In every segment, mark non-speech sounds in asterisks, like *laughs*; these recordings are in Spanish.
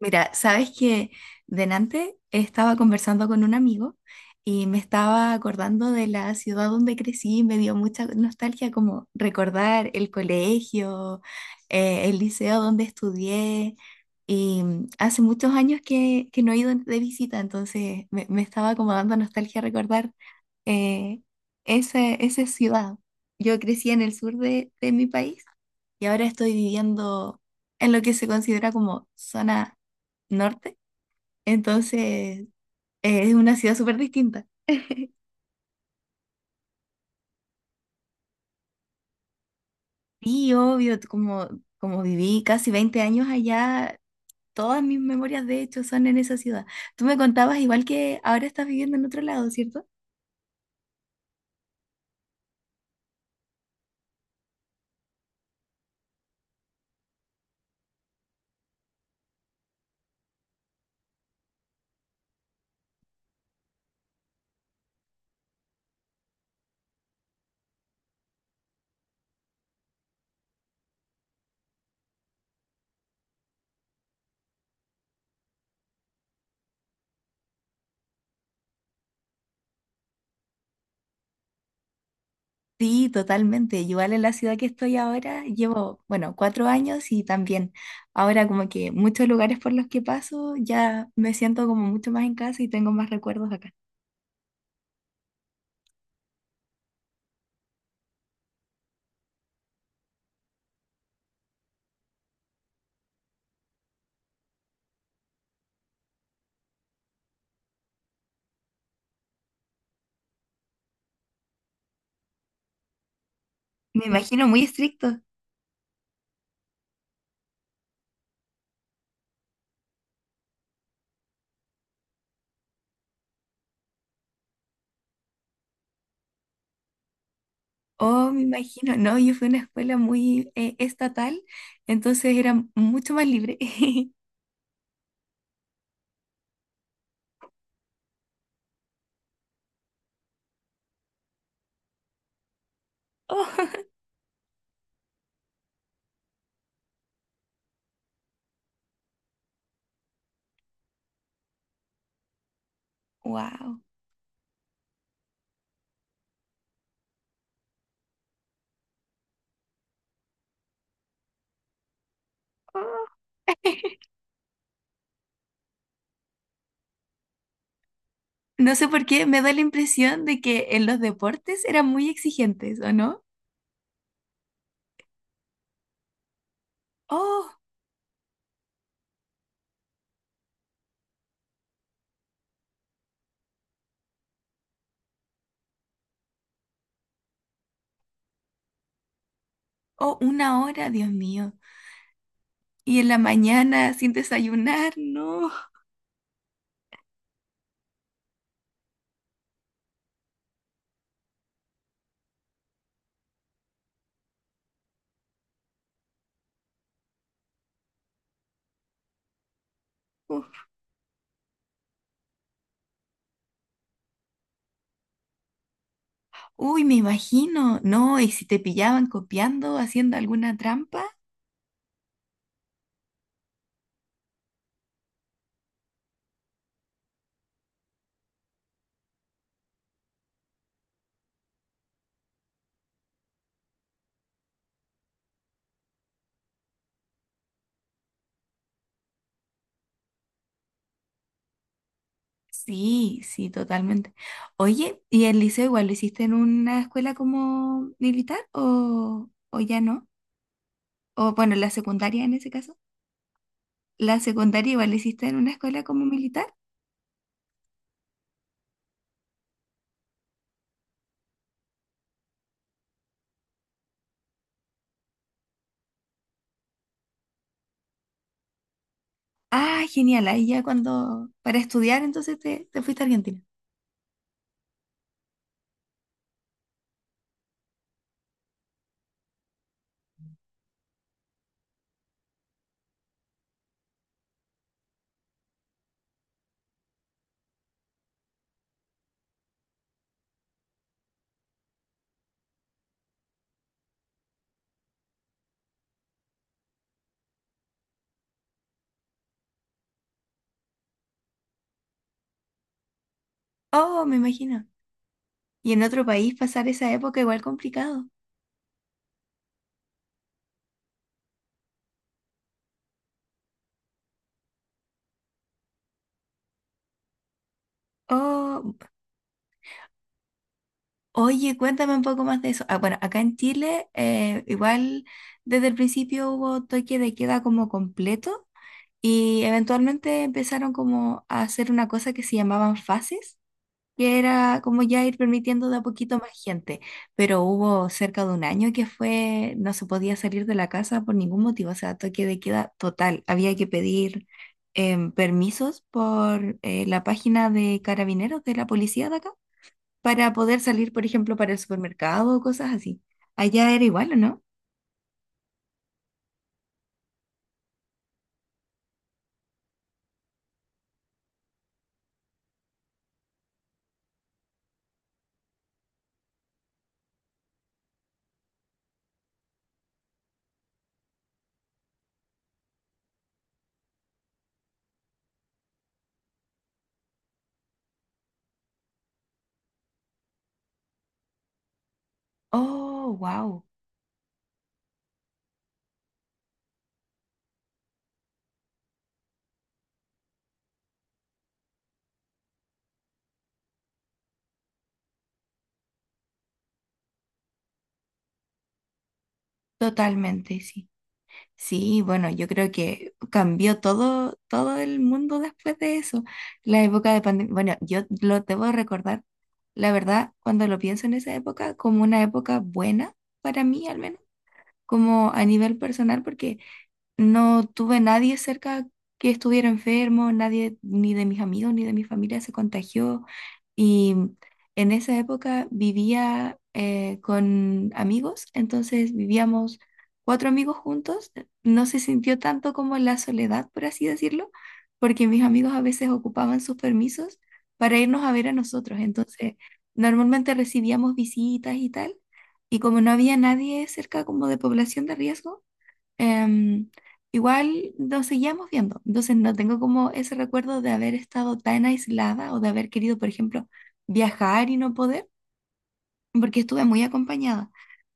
Mira, sabes que delante estaba conversando con un amigo y me estaba acordando de la ciudad donde crecí y me dio mucha nostalgia como recordar el colegio, el liceo donde estudié y hace muchos años que no he ido de visita, entonces me estaba como dando nostalgia recordar eh, esa ciudad. Yo crecí en el sur de mi país y ahora estoy viviendo en lo que se considera como zona norte. Entonces, es una ciudad súper distinta. *laughs* Sí, obvio, como, como viví casi 20 años allá, todas mis memorias de hecho son en esa ciudad. Tú me contabas igual que ahora estás viviendo en otro lado, ¿cierto? Sí, totalmente. Igual en la ciudad que estoy ahora, llevo, bueno, 4 años y también ahora como que muchos lugares por los que paso ya me siento como mucho más en casa y tengo más recuerdos acá. Me imagino muy estricto. Oh, me imagino. No, yo fui a una escuela muy estatal, entonces era mucho más libre. *laughs* Oh, wow. No sé por qué me da la impresión de que en los deportes eran muy exigentes, ¿o no? Oh, oh, una hora, Dios mío. Y en la mañana sin desayunar, no. Uf. Uy, me imagino. No, y si te pillaban copiando, haciendo alguna trampa. Sí, sí, totalmente. Oye, ¿y el liceo igual lo hiciste en una escuela como militar o ya no? O bueno, la secundaria en ese caso. ¿La secundaria igual la hiciste en una escuela como militar? Ah, genial. Ahí ya cuando, para estudiar entonces te fuiste a Argentina. Oh, me imagino. Y en otro país pasar esa época igual complicado. Oh, oye, cuéntame un poco más de eso. Ah, bueno, acá en Chile igual desde el principio hubo toque de queda como completo. Y eventualmente empezaron como a hacer una cosa que se llamaban fases, que era como ya ir permitiendo de a poquito más gente. Pero hubo cerca de un año que fue, no se podía salir de la casa por ningún motivo, o sea, toque de queda total. Había que pedir permisos por la página de carabineros de la policía de acá para poder salir, por ejemplo, para el supermercado o cosas así. Allá era igual, ¿o no? Oh, wow, totalmente, sí. Sí, bueno, yo creo que cambió todo, todo el mundo después de eso. La época de pandemia, bueno, yo lo debo recordar, la verdad, cuando lo pienso en esa época, como una época buena para mí al menos, como a nivel personal, porque no tuve nadie cerca que estuviera enfermo, nadie ni de mis amigos ni de mi familia se contagió. Y en esa época vivía con amigos, entonces vivíamos 4 amigos juntos. No se sintió tanto como la soledad, por así decirlo, porque mis amigos a veces ocupaban sus permisos para irnos a ver a nosotros. Entonces, normalmente recibíamos visitas y tal. Y como no había nadie cerca como de población de riesgo, Em, igual nos seguíamos viendo, entonces no tengo como ese recuerdo de haber estado tan aislada o de haber querido, por ejemplo, viajar y no poder, porque estuve muy acompañada.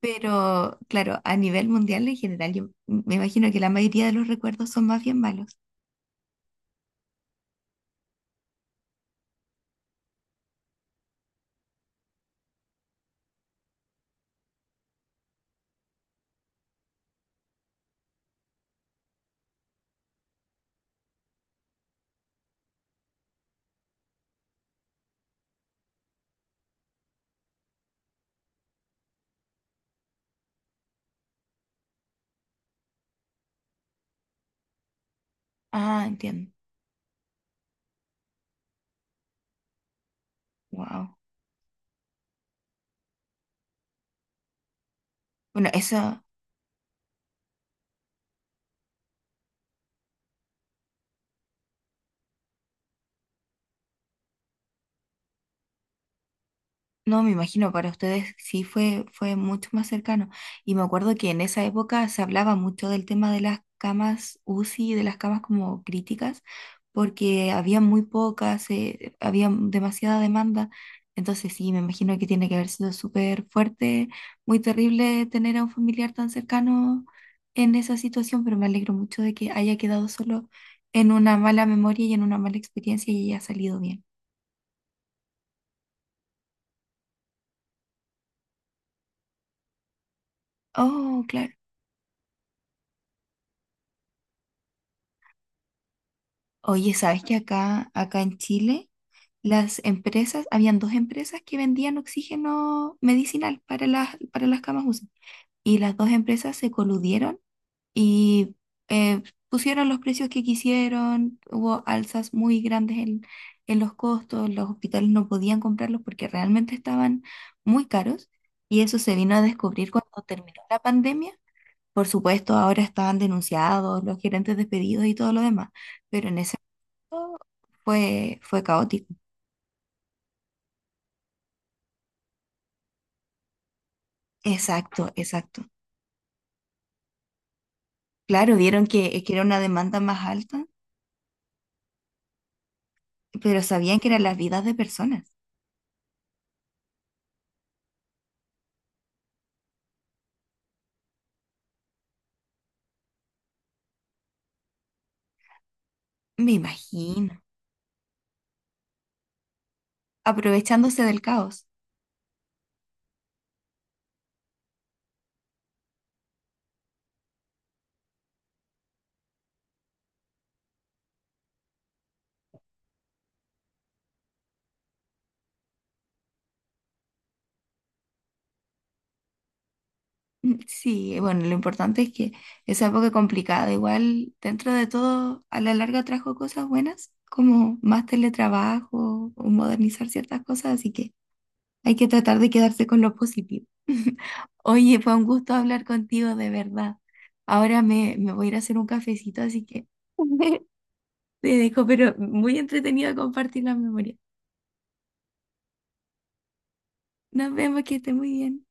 Pero claro, a nivel mundial en general, yo me imagino que la mayoría de los recuerdos son más bien malos. Ah, entiendo. Wow. Bueno, eso. No, me imagino, para ustedes sí fue, fue mucho más cercano. Y me acuerdo que en esa época se hablaba mucho del tema de las camas UCI, de las camas como críticas, porque había muy pocas, había demasiada demanda. Entonces sí, me imagino que tiene que haber sido súper fuerte, muy terrible tener a un familiar tan cercano en esa situación, pero me alegro mucho de que haya quedado solo en una mala memoria y en una mala experiencia y haya salido bien. Oh, claro. Oye, ¿sabes que acá en Chile las empresas, habían dos empresas que vendían oxígeno medicinal para las camas UCI y las dos empresas se coludieron y eh, pusieron los precios que quisieron, hubo alzas muy grandes en los costos, los hospitales no podían comprarlos porque realmente estaban muy caros y eso se vino a descubrir cuando terminó la pandemia. Por supuesto, ahora estaban denunciados los gerentes despedidos y todo lo demás, pero en ese fue, fue caótico. Exacto, exacto. Claro, vieron que era una demanda más alta, pero sabían que eran las vidas de personas. Me imagino. Aprovechándose del caos. Mm, sí, bueno, lo importante es que esa época complicada, igual dentro de todo, a la larga trajo cosas buenas, como más teletrabajo o modernizar ciertas cosas, así que hay que tratar de quedarse con lo positivo. *laughs* Oye, fue un gusto hablar contigo, de verdad. Ahora me voy a ir a hacer un cafecito, así que *laughs* te dejo, pero muy entretenido compartir la memoria. Nos vemos, que esté muy bien.